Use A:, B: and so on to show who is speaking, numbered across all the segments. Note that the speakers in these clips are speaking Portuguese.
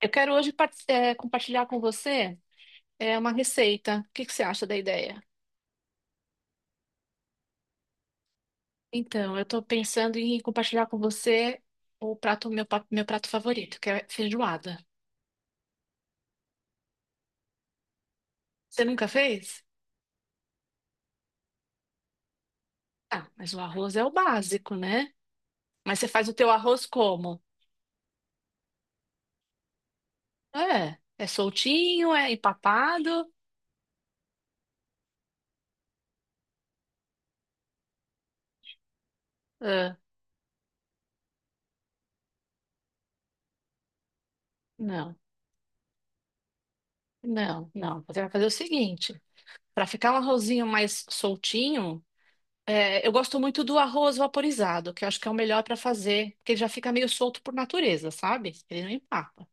A: Eu quero hoje compartilhar com você uma receita. O que que você acha da ideia? Então, eu estou pensando em compartilhar com você o prato, meu prato favorito, que é feijoada. Você nunca fez? Ah, mas o arroz é o básico, né? Mas você faz o teu arroz como? É soltinho, é empapado? Ah, não, não, não. Você vai fazer o seguinte, para ficar um arrozinho mais soltinho. É, eu gosto muito do arroz vaporizado, que eu acho que é o melhor para fazer, porque ele já fica meio solto por natureza, sabe? Ele não empapa.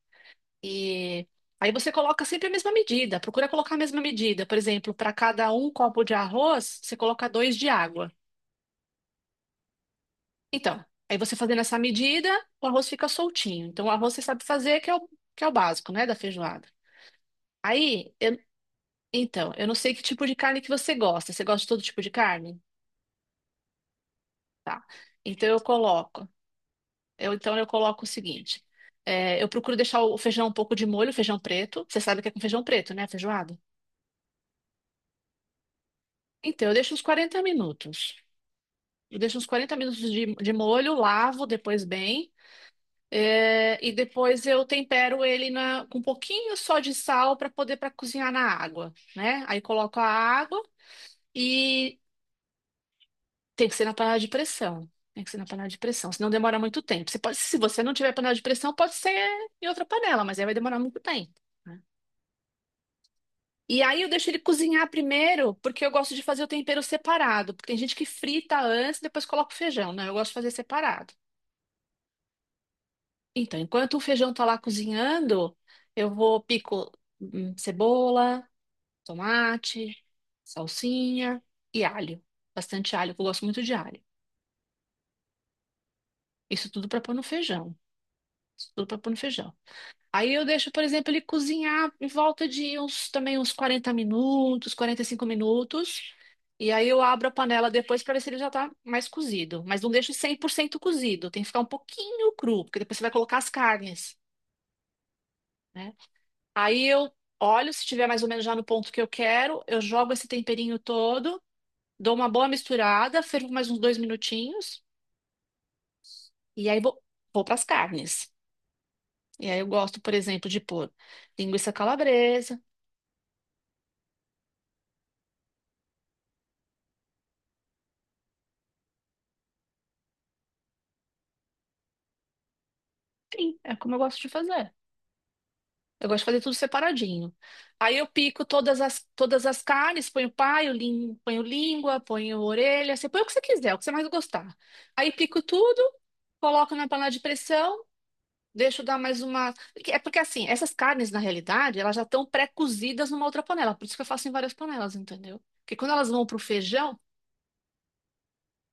A: E aí você coloca sempre a mesma medida, procura colocar a mesma medida. Por exemplo, para cada um copo de arroz, você coloca dois de água. Então, aí você fazendo essa medida, o arroz fica soltinho. Então, o arroz você sabe fazer, que é o básico, né, da feijoada. Aí, eu- então, eu não sei que tipo de carne que você gosta. Você gosta de todo tipo de carne? Tá. Então, eu coloco. Eu, então eu coloco o seguinte: eu procuro deixar o feijão um pouco de molho, feijão preto. Você sabe o que é com feijão preto, né? Feijoada. Então eu deixo uns 40 minutos. Eu deixo uns 40 minutos de molho, lavo depois bem. E depois eu tempero ele com um pouquinho só de sal para cozinhar na água, né? Aí coloco a água, e tem que ser na panela de pressão. Tem que ser na panela de pressão, senão demora muito tempo. Você pode, se você não tiver panela de pressão, pode ser em outra panela, mas aí vai demorar muito tempo, né? E aí eu deixo ele cozinhar primeiro, porque eu gosto de fazer o tempero separado. Porque tem gente que frita antes, depois coloca o feijão, né? Eu gosto de fazer separado. Então, enquanto o feijão tá lá cozinhando, eu vou pico cebola, tomate, salsinha e alho. Bastante alho, que eu gosto muito de alho. Isso tudo para pôr no feijão. Isso tudo para pôr no feijão. Aí eu deixo, por exemplo, ele cozinhar em volta de uns 40 minutos, 45 minutos. E aí eu abro a panela depois para ver se ele já tá mais cozido, mas não deixo 100% cozido, tem que ficar um pouquinho cru, porque depois você vai colocar as carnes, né? Aí eu olho, se tiver mais ou menos já no ponto que eu quero, eu jogo esse temperinho todo, dou uma boa misturada, fervo mais uns dois minutinhos e aí vou para as carnes. E aí eu gosto, por exemplo, de pôr linguiça calabresa. Sim, é como eu gosto de fazer. Eu gosto de fazer tudo separadinho. Aí eu pico todas as carnes, ponho paio, ponho língua, ponho orelha, você põe o que você quiser, o que você mais gostar. Aí pico tudo, coloco na panela de pressão, deixo dar mais uma. É porque assim, essas carnes, na realidade, elas já estão pré-cozidas numa outra panela. Por isso que eu faço em várias panelas, entendeu? Porque quando elas vão pro feijão,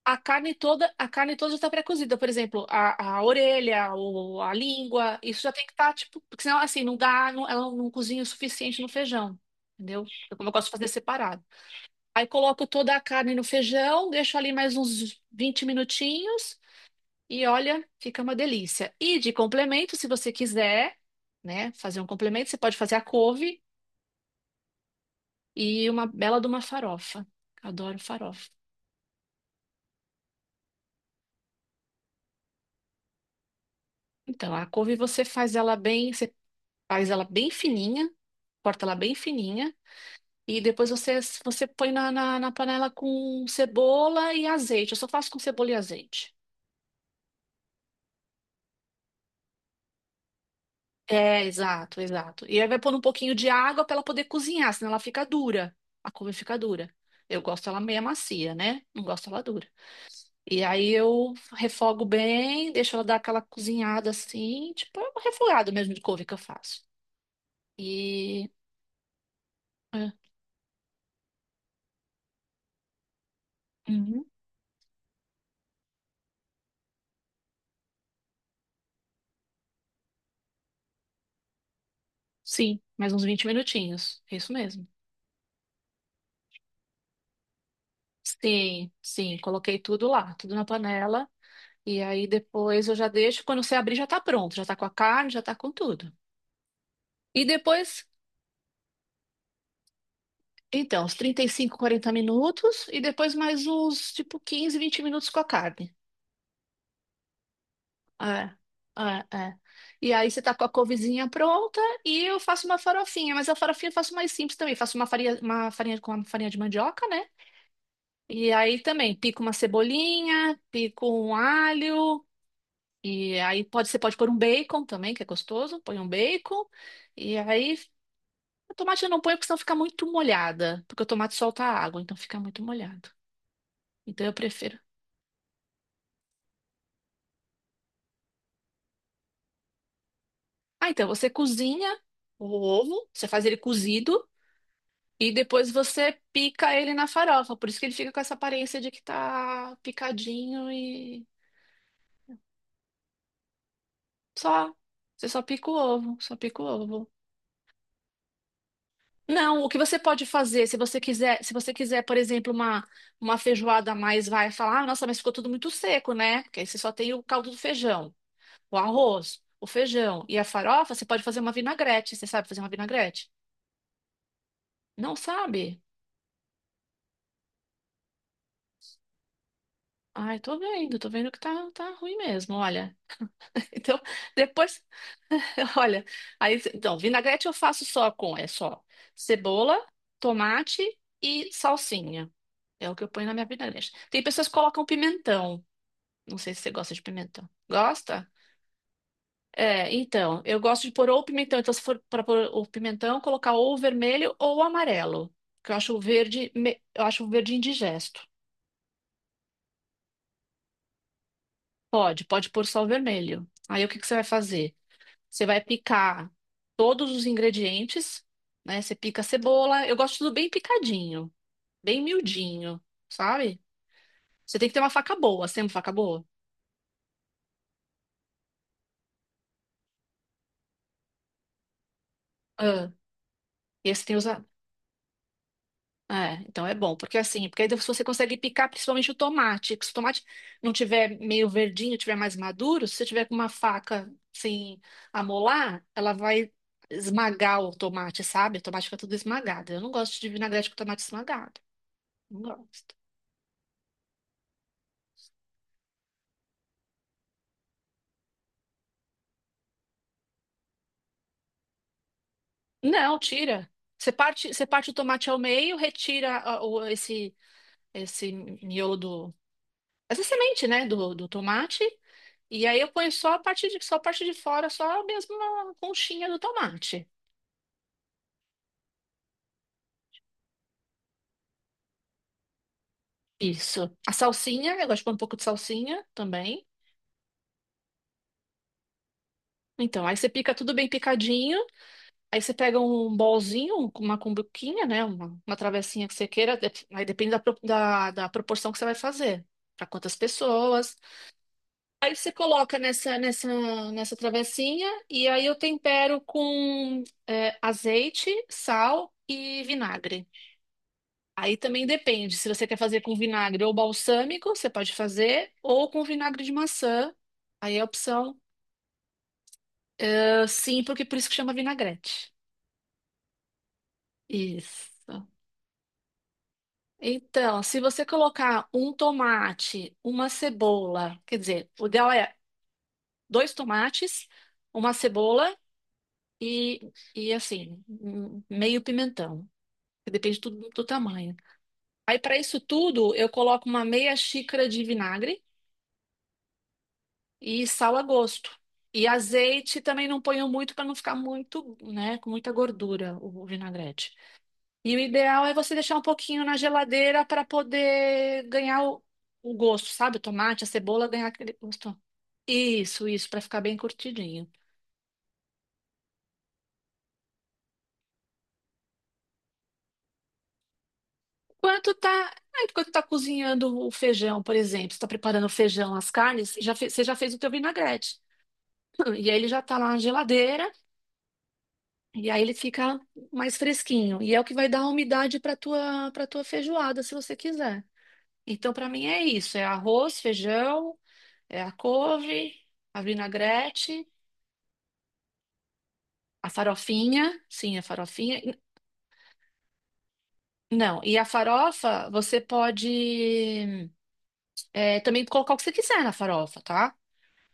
A: a carne toda já está pré-cozida. Por exemplo, a orelha, a língua, isso já tem que estar, tipo, porque senão assim, não dá, não, ela não cozinha o suficiente no feijão. Entendeu? Eu, como eu gosto de fazer separado. Aí coloco toda a carne no feijão, deixo ali mais uns 20 minutinhos e olha, fica uma delícia. E de complemento, se você quiser, né, fazer um complemento, você pode fazer a couve e uma bela de uma farofa. Adoro farofa. Então, a couve você faz ela bem, você faz ela bem fininha, corta ela bem fininha e depois você, você põe na panela com cebola e azeite. Eu só faço com cebola e azeite. É, exato, exato. E aí vai pôr um pouquinho de água para ela poder cozinhar, senão ela fica dura. A couve fica dura. Eu gosto ela meia macia, né? Não gosto ela dura. E aí eu refogo bem, deixo ela dar aquela cozinhada assim, tipo, é um refogado mesmo de couve que eu faço. E. É, uhum. Sim, mais uns 20 minutinhos. É isso mesmo. Sim, sim, coloquei tudo lá, tudo na panela. E aí depois eu já deixo, quando você abrir já tá pronto, já tá com a carne, já tá com tudo. E depois, então, os 35 40 minutos e depois mais uns, tipo, 15 20 minutos com a carne. É, é, é. E aí você tá com a couvezinha pronta e eu faço uma farofinha, mas a farofinha eu faço mais simples também, faço uma farinha, com uma farinha de mandioca, né? E aí também pico uma cebolinha, pico um alho. E aí pode, você pode pôr um bacon também, que é gostoso. Põe um bacon. E aí, o tomate eu não ponho, porque senão fica muito molhada. Porque o tomate solta a água, então fica muito molhado. Então eu prefiro. Ah, então você cozinha o ovo, você faz ele cozido. E depois você pica ele na farofa. Por isso que ele fica com essa aparência de que tá picadinho e só. Você só pica o ovo, só pica o ovo. Não, o que você pode fazer, se você quiser, por exemplo, uma feijoada a mais, vai falar, ah, nossa, mas ficou tudo muito seco, né? Porque aí você só tem o caldo do feijão, o arroz, o feijão e a farofa, você pode fazer uma vinagrete. Você sabe fazer uma vinagrete? Não sabe? Ai, tô vendo, tá ruim mesmo, olha. Então, depois, olha, aí, então, vinagrete eu faço é só cebola, tomate e salsinha. É o que eu ponho na minha vinagrete. Tem pessoas que colocam pimentão. Não sei se você gosta de pimentão. Gosta? É, então, eu gosto de pôr ou pimentão. Então, se for para pôr o pimentão, colocar ou o vermelho ou o amarelo. Que eu acho o verde, eu acho o verde indigesto. Pode, pode pôr só o vermelho. Aí o que que você vai fazer? Você vai picar todos os ingredientes, né? Você pica a cebola. Eu gosto tudo bem picadinho, bem miudinho, sabe? Você tem que ter uma faca boa. Você tem uma faca boa? Ah, e aí você tem os, É, então é bom, porque assim, porque aí você consegue picar principalmente o tomate. Porque se o tomate não tiver meio verdinho, tiver mais maduro, se você tiver com uma faca sem amolar, ela vai esmagar o tomate, sabe? O tomate fica tudo esmagado. Eu não gosto de vinagrete com tomate esmagado. Não gosto. Não, tira. Você parte o tomate ao meio, retira esse miolo do, essa semente, né, do tomate. E aí eu ponho só a parte de fora, só mesmo a conchinha do tomate. Isso. A salsinha, eu gosto de pôr um pouco de salsinha também. Então, aí você pica tudo bem picadinho. Aí você pega um bolzinho, uma cumbuquinha, né? Uma travessinha que você queira. Aí depende da proporção que você vai fazer. Para quantas pessoas. Aí você coloca nessa travessinha. E aí eu tempero com azeite, sal e vinagre. Aí também depende, se você quer fazer com vinagre ou balsâmico, você pode fazer, ou com vinagre de maçã. Aí é a opção. Ah, sim, porque por isso que chama vinagrete. Isso. Então, se você colocar um tomate, uma cebola, quer dizer, o ideal é dois tomates, uma cebola e assim, um meio pimentão. Que Depende tudo do tamanho. Aí, para isso tudo, eu coloco uma meia xícara de vinagre. E sal a gosto. E azeite também não ponho muito para não ficar muito, né, com muita gordura o vinagrete. E o ideal é você deixar um pouquinho na geladeira para poder ganhar o gosto, sabe? O tomate, a cebola ganhar aquele gosto. Isso, para ficar bem curtidinho. Enquanto tá, ah, enquanto tá cozinhando o feijão, por exemplo, você tá preparando o feijão, as carnes, você já fez o teu vinagrete. E aí ele já tá lá na geladeira. E aí ele fica mais fresquinho. E é o que vai dar a umidade para tua feijoada, se você quiser. Então, para mim é isso, é arroz, feijão, é a couve, a vinagrete, a farofinha, sim, a farofinha. Não, e a farofa você pode também colocar o que você quiser na farofa, tá?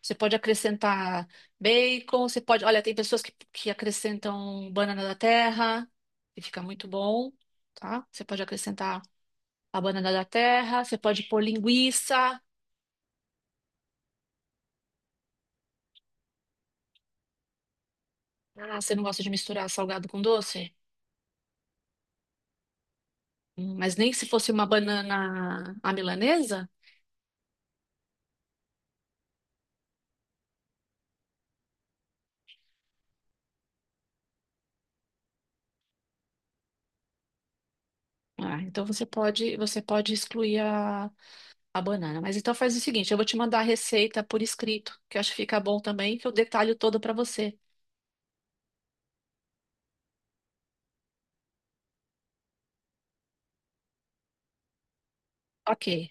A: Você pode acrescentar bacon, você pode, olha, tem pessoas que acrescentam banana da terra, que fica muito bom, tá? Você pode acrescentar a banana da terra, você pode pôr linguiça. Ah, você não gosta de misturar salgado com doce? Mas nem se fosse uma banana à milanesa? Ah, então você pode excluir a banana. Mas então faz o seguinte, eu vou te mandar a receita por escrito, que eu acho que fica bom também, que eu detalho todo para você. Ok.